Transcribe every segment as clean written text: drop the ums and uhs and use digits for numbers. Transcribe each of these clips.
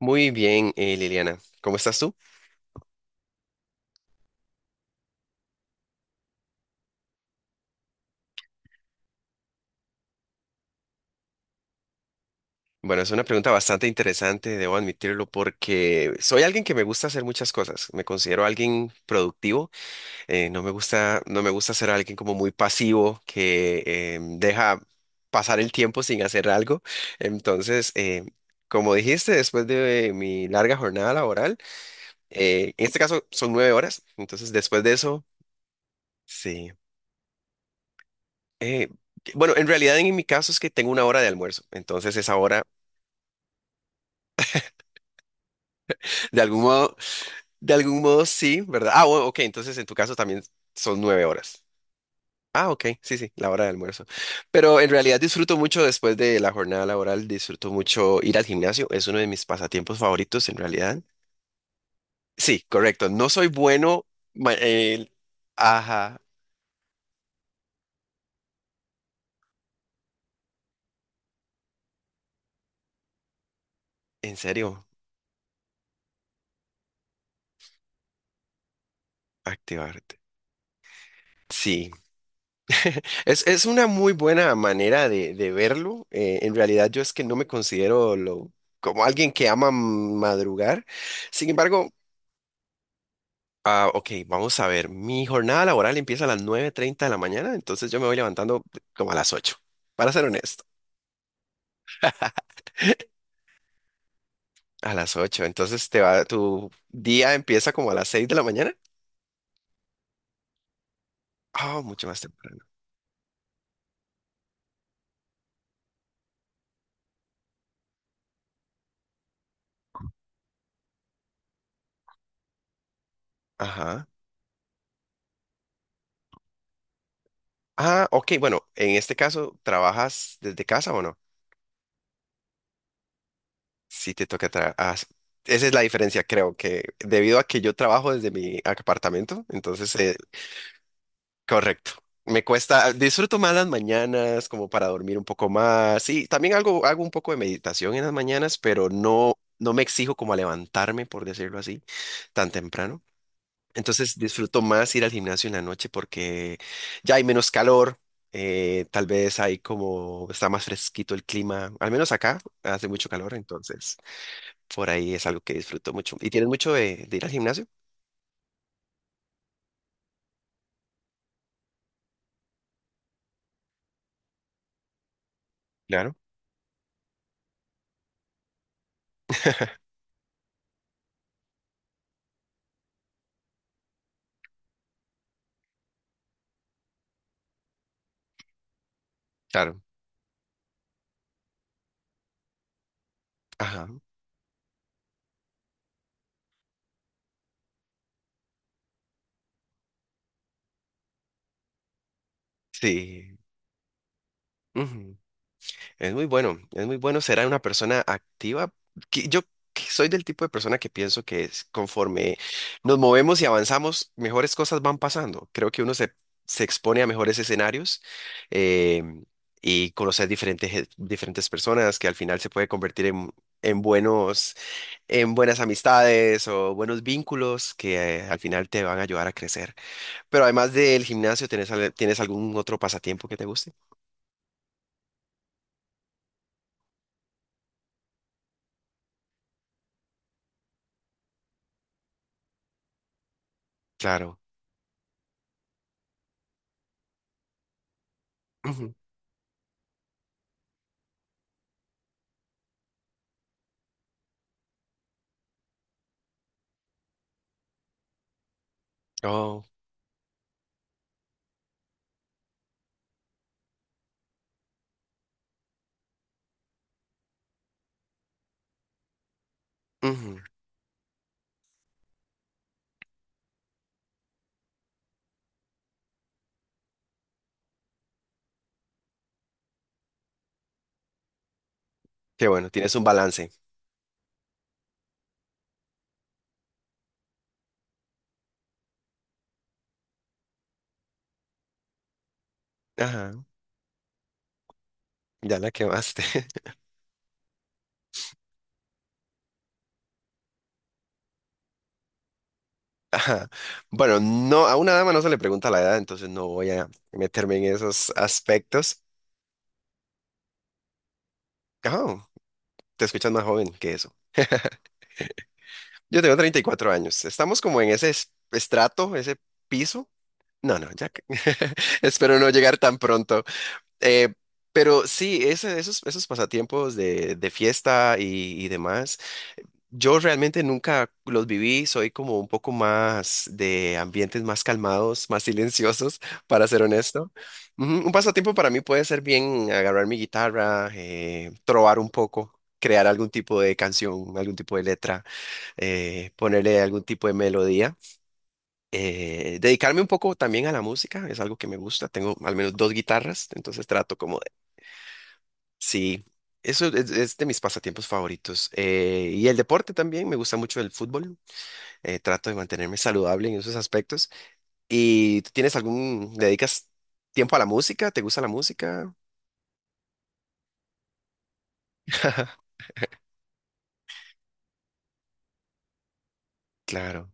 Muy bien, Liliana. ¿Cómo estás tú? Bueno, es una pregunta bastante interesante, debo admitirlo, porque soy alguien que me gusta hacer muchas cosas. Me considero alguien productivo. No me gusta, ser alguien como muy pasivo que deja pasar el tiempo sin hacer algo. Entonces, como dijiste, después de mi larga jornada laboral, en este caso son 9 horas. Entonces, después de eso, sí. eh, bueno, en realidad en mi caso es que tengo una hora de almuerzo, entonces esa hora de algún modo, de algún modo sí, ¿verdad? Ah, bueno, ok, entonces en tu caso también son 9 horas. Ah, ok, sí, sí, la hora de almuerzo. Pero en realidad disfruto mucho después de la jornada laboral, disfruto mucho ir al gimnasio, es uno de mis pasatiempos favoritos en realidad. Sí, correcto, no soy bueno, ma- eh, ajá, en serio, activarte. Sí, es una muy buena manera de verlo. En realidad yo es que no me considero como alguien que ama madrugar. Sin embargo. Ah, ok, vamos a ver. Mi jornada laboral empieza a las 9:30 de la mañana, entonces yo me voy levantando como a las 8. Para ser honesto. A las 8. Entonces tu día empieza como a las 6 de la mañana. Ah, mucho más temprano. Ajá. Ah, ok, bueno, en este caso, ¿trabajas desde casa o no? Sí, te toca trabajar. Esa es la diferencia, creo que debido a que yo trabajo desde mi apartamento, entonces, correcto. Me cuesta, disfruto más las mañanas como para dormir un poco más. Y también hago un poco de meditación en las mañanas, pero no, no me exijo como a levantarme, por decirlo así, tan temprano. Entonces disfruto más ir al gimnasio en la noche porque ya hay menos calor, tal vez hay como, está más fresquito el clima, al menos acá hace mucho calor, entonces por ahí es algo que disfruto mucho. ¿Y tienes mucho de ir al gimnasio? Claro, claro. Ajá, sí. Es muy bueno ser una persona activa. Que Yo que soy del tipo de persona que pienso que es conforme nos movemos y avanzamos, mejores cosas van pasando. Creo que uno se expone a mejores escenarios eh, y conocer diferentes personas que al final se puede convertir en buenas amistades o buenos vínculos que al final te van a ayudar a crecer. Pero además del gimnasio, ¿tienes algún otro pasatiempo que te guste? Claro. Ujú. Oh. Ujú. Qué bueno, tienes un balance. Ajá, ya la quemaste. Ajá. Bueno, no, a una dama no se le pregunta la edad, entonces no voy a meterme en esos aspectos. Ajá, te escuchas más joven que eso. Yo tengo 34 años. Estamos como en ese estrato, ese piso. No, no, ya. Espero no llegar tan pronto. Eh, pero sí, esos pasatiempos de fiesta y demás. Yo realmente nunca los viví, soy como un poco más de ambientes más calmados, más silenciosos, para ser honesto. Ujú. Un pasatiempo para mí puede ser bien agarrar mi guitarra, trobar un poco, crear algún tipo de canción, algún tipo de letra, ponerle algún tipo de melodía. Dedicarme un poco también a la música, es algo que me gusta, tengo al menos dos guitarras, entonces trato como de. Sí, eso es de mis pasatiempos favoritos. Y el deporte también, me gusta mucho el fútbol. Trato de mantenerme saludable en esos aspectos. ¿Y tú tienes le dedicas tiempo a la música? ¿Te gusta la música? Claro,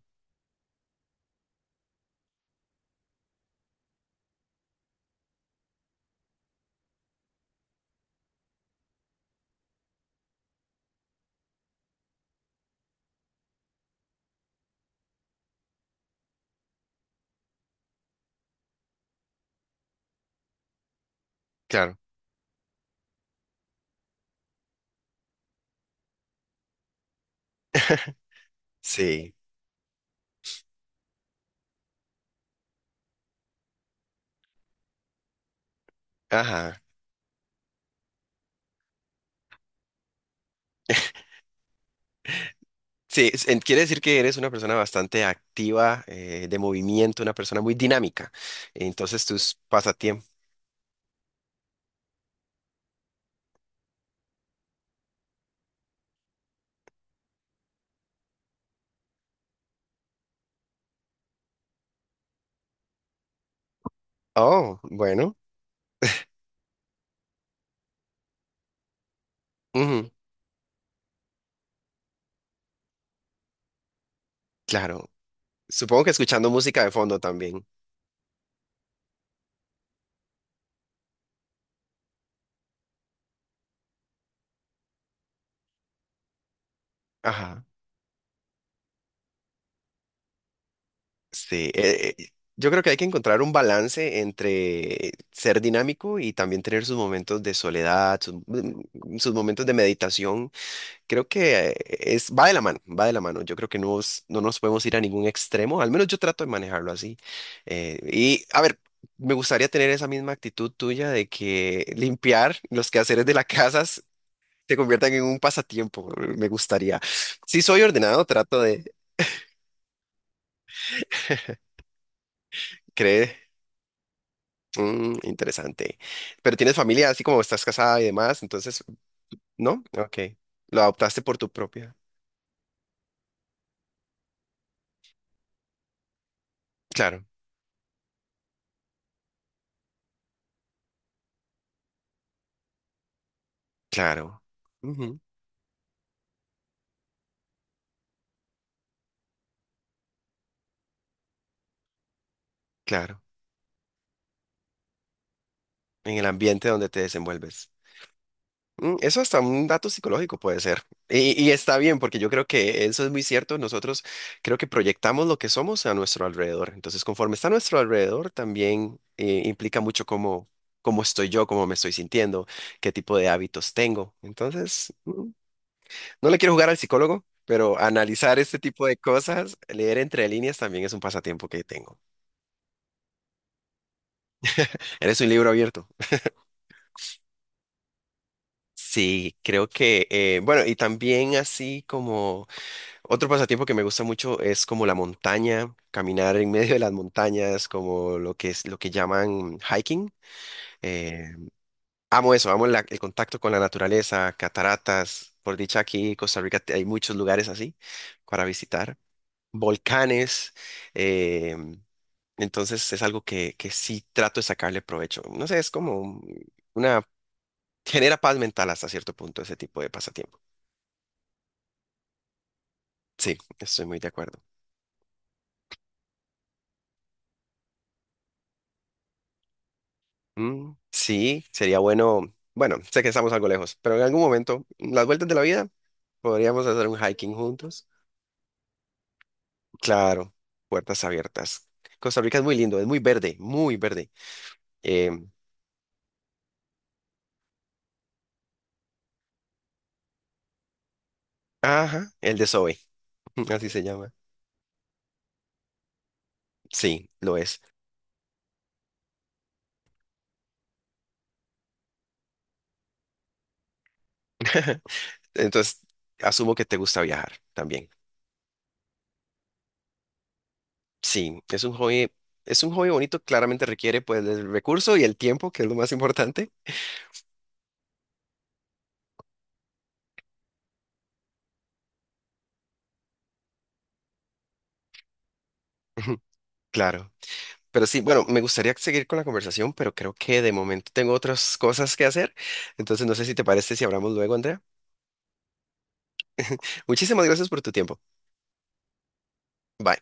claro. Sí, ajá. Sí, quiere decir que eres una persona bastante activa, de movimiento, una persona muy dinámica. Entonces tus pasatiempos. Oh, bueno. Ujú, claro. Supongo que escuchando música de fondo también. Ajá. Sí, yo creo que hay que encontrar un balance entre ser dinámico y también tener sus momentos de soledad, sus momentos de meditación. Creo que va de la mano, va de la mano. Yo creo que no, no nos podemos ir a ningún extremo, al menos yo trato de manejarlo así. Y a ver, me gustaría tener esa misma actitud tuya de que limpiar los quehaceres de las casas se conviertan en un pasatiempo. Me gustaría. Si soy ordenado, trato de creer. Interesante. Pero tienes familia, así como estás casada y demás, entonces, ¿no? Ok. Lo adoptaste por tu propia. Claro, claro. Ujú, claro. En el ambiente donde te desenvuelves. Eso hasta un dato psicológico puede ser. Y está bien, porque yo creo que eso es muy cierto. Nosotros creo que proyectamos lo que somos a nuestro alrededor. Entonces, conforme está a nuestro alrededor, también implica mucho cómo, cómo estoy yo, cómo me estoy sintiendo, qué tipo de hábitos tengo. Entonces, no le quiero jugar al psicólogo, pero analizar este tipo de cosas, leer entre líneas también es un pasatiempo que tengo. Eres un libro abierto. Sí, creo que, bueno, y también así como otro pasatiempo que me gusta mucho es como la montaña, caminar en medio de las montañas, como lo que es lo que llaman hiking. Eh, amo eso, amo el contacto con la naturaleza, cataratas. Por dicha aquí en Costa Rica hay muchos lugares así para visitar, volcanes. eh, Entonces es algo que sí trato de sacarle provecho. No sé, es como una genera paz mental hasta cierto punto ese tipo de pasatiempo. Sí, estoy muy de acuerdo. Mm, sí, sería bueno. Bueno, sé que estamos algo lejos, pero en algún momento, en las vueltas de la vida, podríamos hacer un hiking juntos. Claro, puertas abiertas. Costa Rica es muy lindo, es muy verde, muy verde. Em, ajá, el de Zoe, así se llama. Sí, lo es. Entonces, asumo que te gusta viajar también. Sí, es un hobby bonito, claramente requiere pues el recurso y el tiempo, que es lo más importante. Claro. Pero sí, bueno, me gustaría seguir con la conversación, pero creo que de momento tengo otras cosas que hacer. Entonces no sé si te parece si hablamos luego, Andrea. Muchísimas gracias por tu tiempo. Bye.